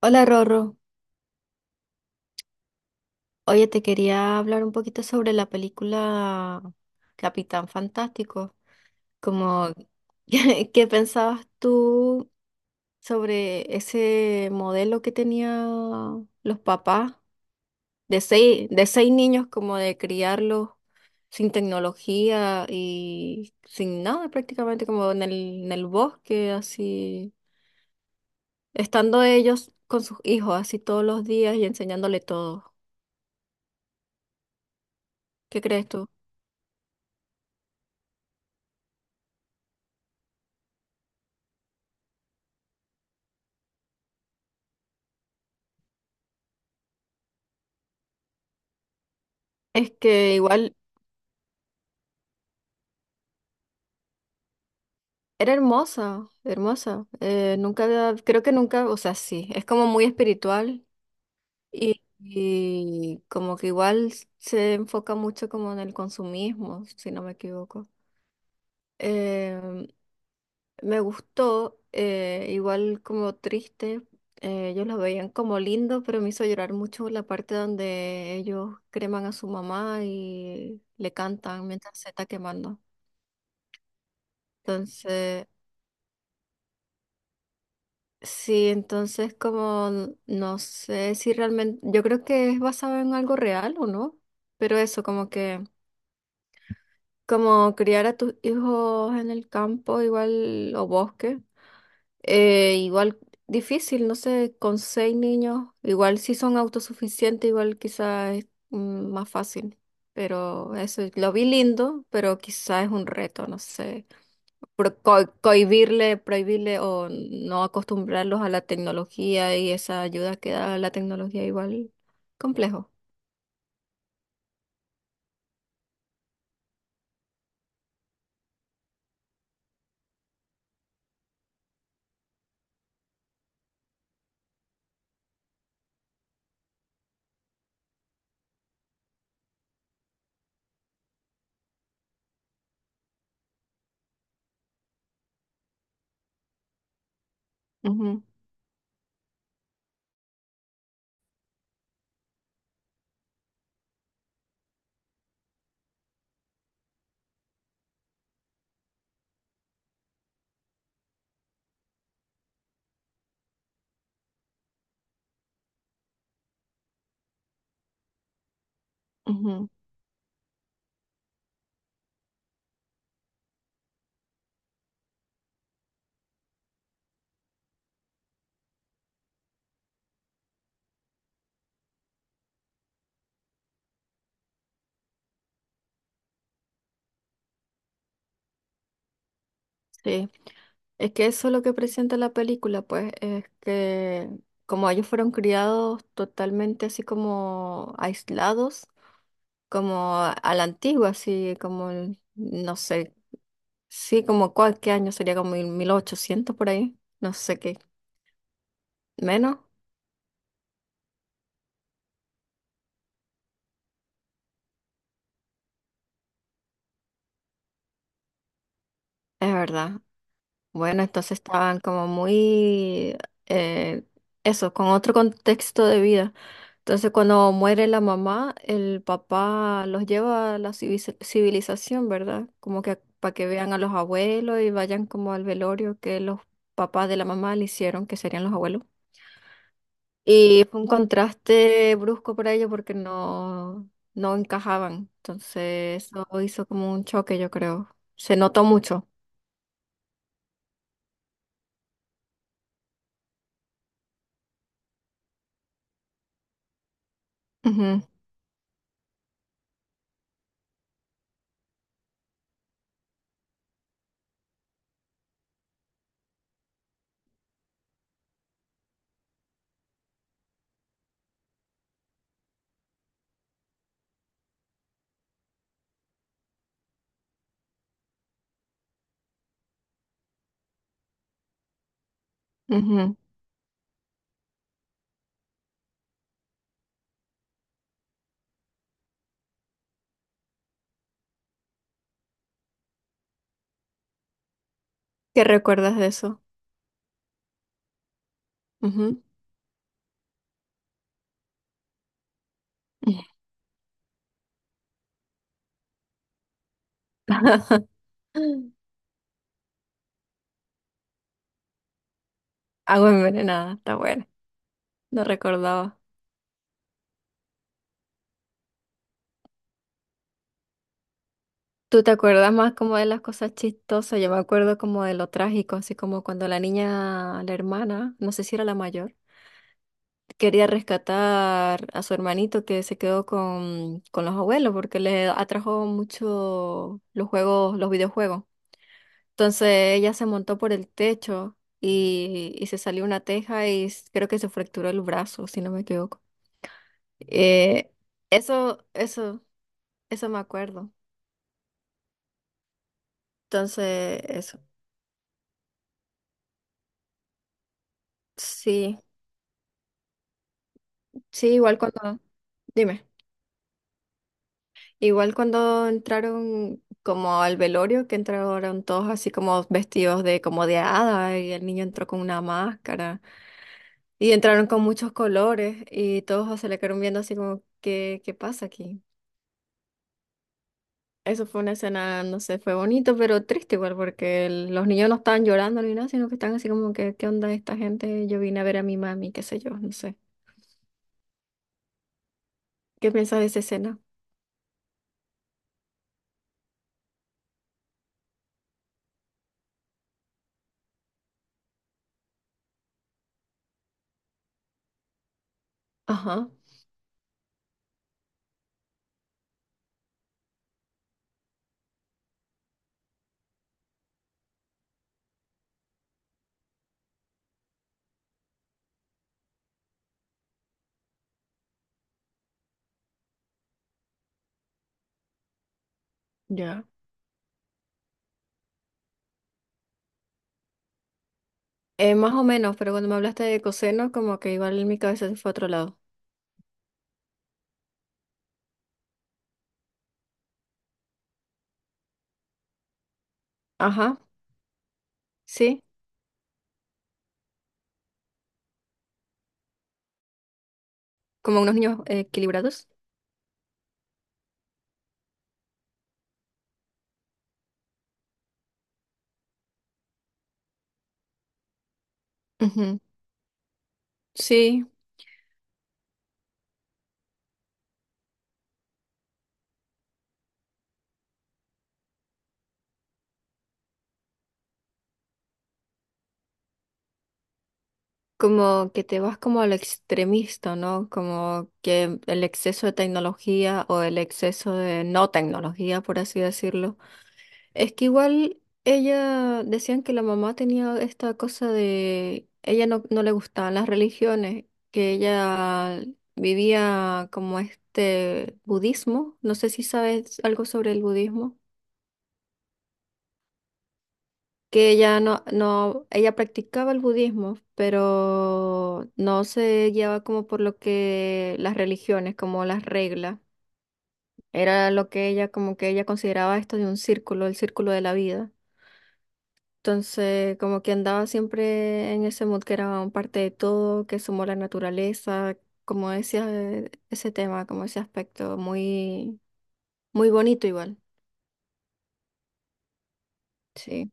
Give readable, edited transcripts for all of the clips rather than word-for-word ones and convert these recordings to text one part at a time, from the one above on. Hola Rorro, oye, te quería hablar un poquito sobre la película Capitán Fantástico. Como, ¿qué pensabas tú sobre ese modelo que tenían los papás de seis niños, como de criarlos sin tecnología y sin nada, prácticamente como en el bosque, así, estando ellos con sus hijos así todos los días y enseñándole todo? ¿Qué crees tú? Es que igual... Era hermosa, hermosa. Nunca había- creo que nunca, o sea, sí, es como muy espiritual y como que igual se enfoca mucho como en el consumismo, si no me equivoco. Em, Me gustó, igual como triste, ellos lo veían como lindo, pero me hizo llorar mucho la parte donde ellos creman a su mamá y le cantan mientras se está quemando. Entonces... Sí, entonces como no sé si realmente, yo creo que es basado en algo real o no, pero eso como que, como criar a tus hijos en el campo igual o bosque, igual difícil, no sé, con seis niños, igual si son autosuficientes, igual quizás es más fácil, pero eso lo vi lindo, pero quizás es un reto, no sé cohibirle, prohibirle o no acostumbrarlos a la tecnología y esa ayuda que da la tecnología igual complejo. Ujú, ujú, sí. Es que eso es lo que presenta la película, pues, es que como ellos fueron criados totalmente así como aislados, como a la antigua, así como, el- no sé, sí, como cuál, qué año sería como 1000, 1800 por ahí, no sé qué, menos, es verdad. Bueno, entonces estaban como muy, eh, eso, con otro contexto de vida. Entonces, cuando muere la mamá, el papá los lleva a la civi- civilización, ¿verdad? Como que para que vean a los abuelos y vayan como al velorio que los papás de la mamá le hicieron, que serían los abuelos. Y fue un contraste brusco para ellos porque no, no encajaban. Entonces, eso hizo como un choque, yo creo. Se notó mucho. Ujú, ujú. ¿Qué recuerdas de eso? Ujú. Agua envenenada, está bueno, no recordaba. ¿Tú te acuerdas más como de las cosas chistosas? Yo me acuerdo como de lo trágico, así como cuando la niña, la hermana, no sé si era la mayor, quería rescatar a su hermanito que se quedó con los abuelos porque le atrajo mucho los juegos, los videojuegos. Entonces ella se montó por el techo y se salió una teja y creo que se fracturó el brazo, si no me equivoco. Eh, eso. Eso me acuerdo. Entonces, eso. Sí, sí, igual cuando, dime, igual cuando entraron como al velorio, que entraron todos así como vestidos de como de hada y el niño entró con una máscara y entraron con muchos colores y todos se le quedaron viendo así como, ¿qué pasa aquí? Eso fue una escena, no sé, fue bonito, pero triste igual porque el- los niños no estaban llorando ni nada, sino que estaban así como que, ¿qué onda esta gente? Yo vine a ver a mi mami, qué sé yo, no sé. ¿Qué piensas de esa escena? Ajá. Ya. Más o menos, pero cuando me hablaste de coseno, como que igual mi cabeza se fue a otro lado. Ajá, sí, como unos niños equilibrados. Ujú. Sí, como que te vas como al extremista, ¿no? Como que el exceso de tecnología o el exceso de no tecnología, por así decirlo. Es que igual ella decían que la mamá tenía esta cosa de ella no, no le gustaban las religiones, que ella vivía como este budismo, no sé si sabes algo sobre el budismo, que ella no, no, ella practicaba el budismo, pero no se guiaba como por lo que las religiones, como las reglas. Era lo que ella, como que ella consideraba esto de un círculo, el círculo de la vida. Entonces, como que andaba siempre en ese mood que era un parte de todo, que sumó la naturaleza, como decía, ese tema, como ese aspecto, muy, muy bonito igual. Sí.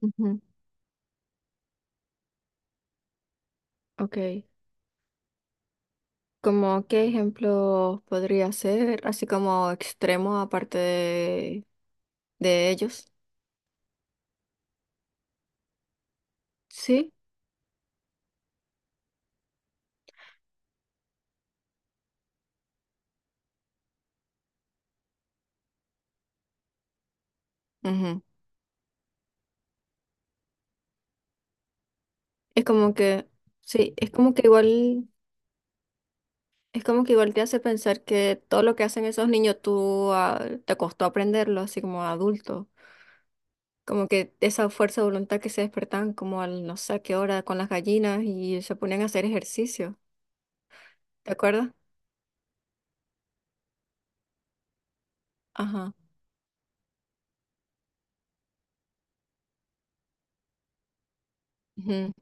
Ujú. Ok. ¿Como qué ejemplo podría ser, así como extremo, aparte de ellos? Sí. Ujú. Es como que, sí, es como que igual, es como que igual te hace pensar que todo lo que hacen esos niños tú ah, te costó aprenderlo, así como adulto. Como que esa fuerza de voluntad que se despertaban como al no sé qué hora con las gallinas y se ponían a hacer ejercicio, ¿te acuerdas? Ajá. Ujú,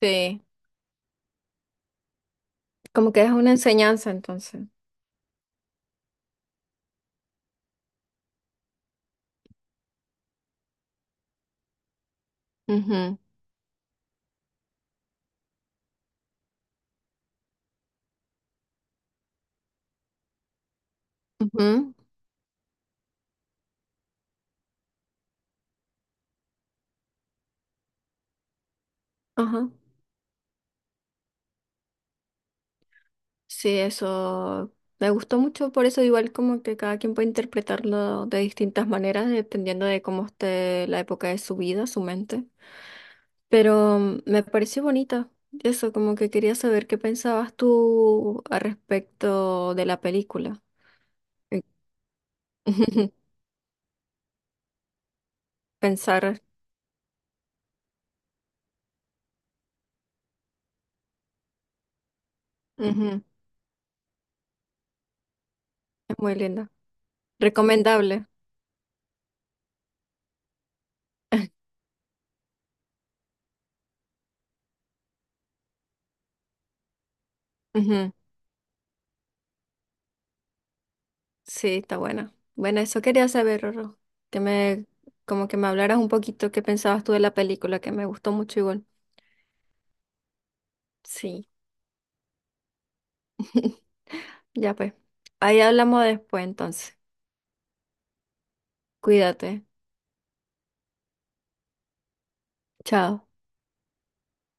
sí, como que es una enseñanza entonces. Ujú, ujú, ajá. Sí, eso me gustó mucho, por eso igual como que cada quien puede interpretarlo de distintas maneras, dependiendo de cómo esté la época de su vida, su mente. Pero me pareció bonita, eso como que quería saber qué pensabas tú al respecto de la película. Eh, Pensar, ujú, es muy linda. Recomendable. Ujú. Sí, está buena. Bueno, eso quería saber, Rorro. Que me, como que me hablaras un poquito qué pensabas tú de la película, que me gustó mucho igual. Sí. Ya pues. Ahí hablamos después entonces. Cuídate. Chao.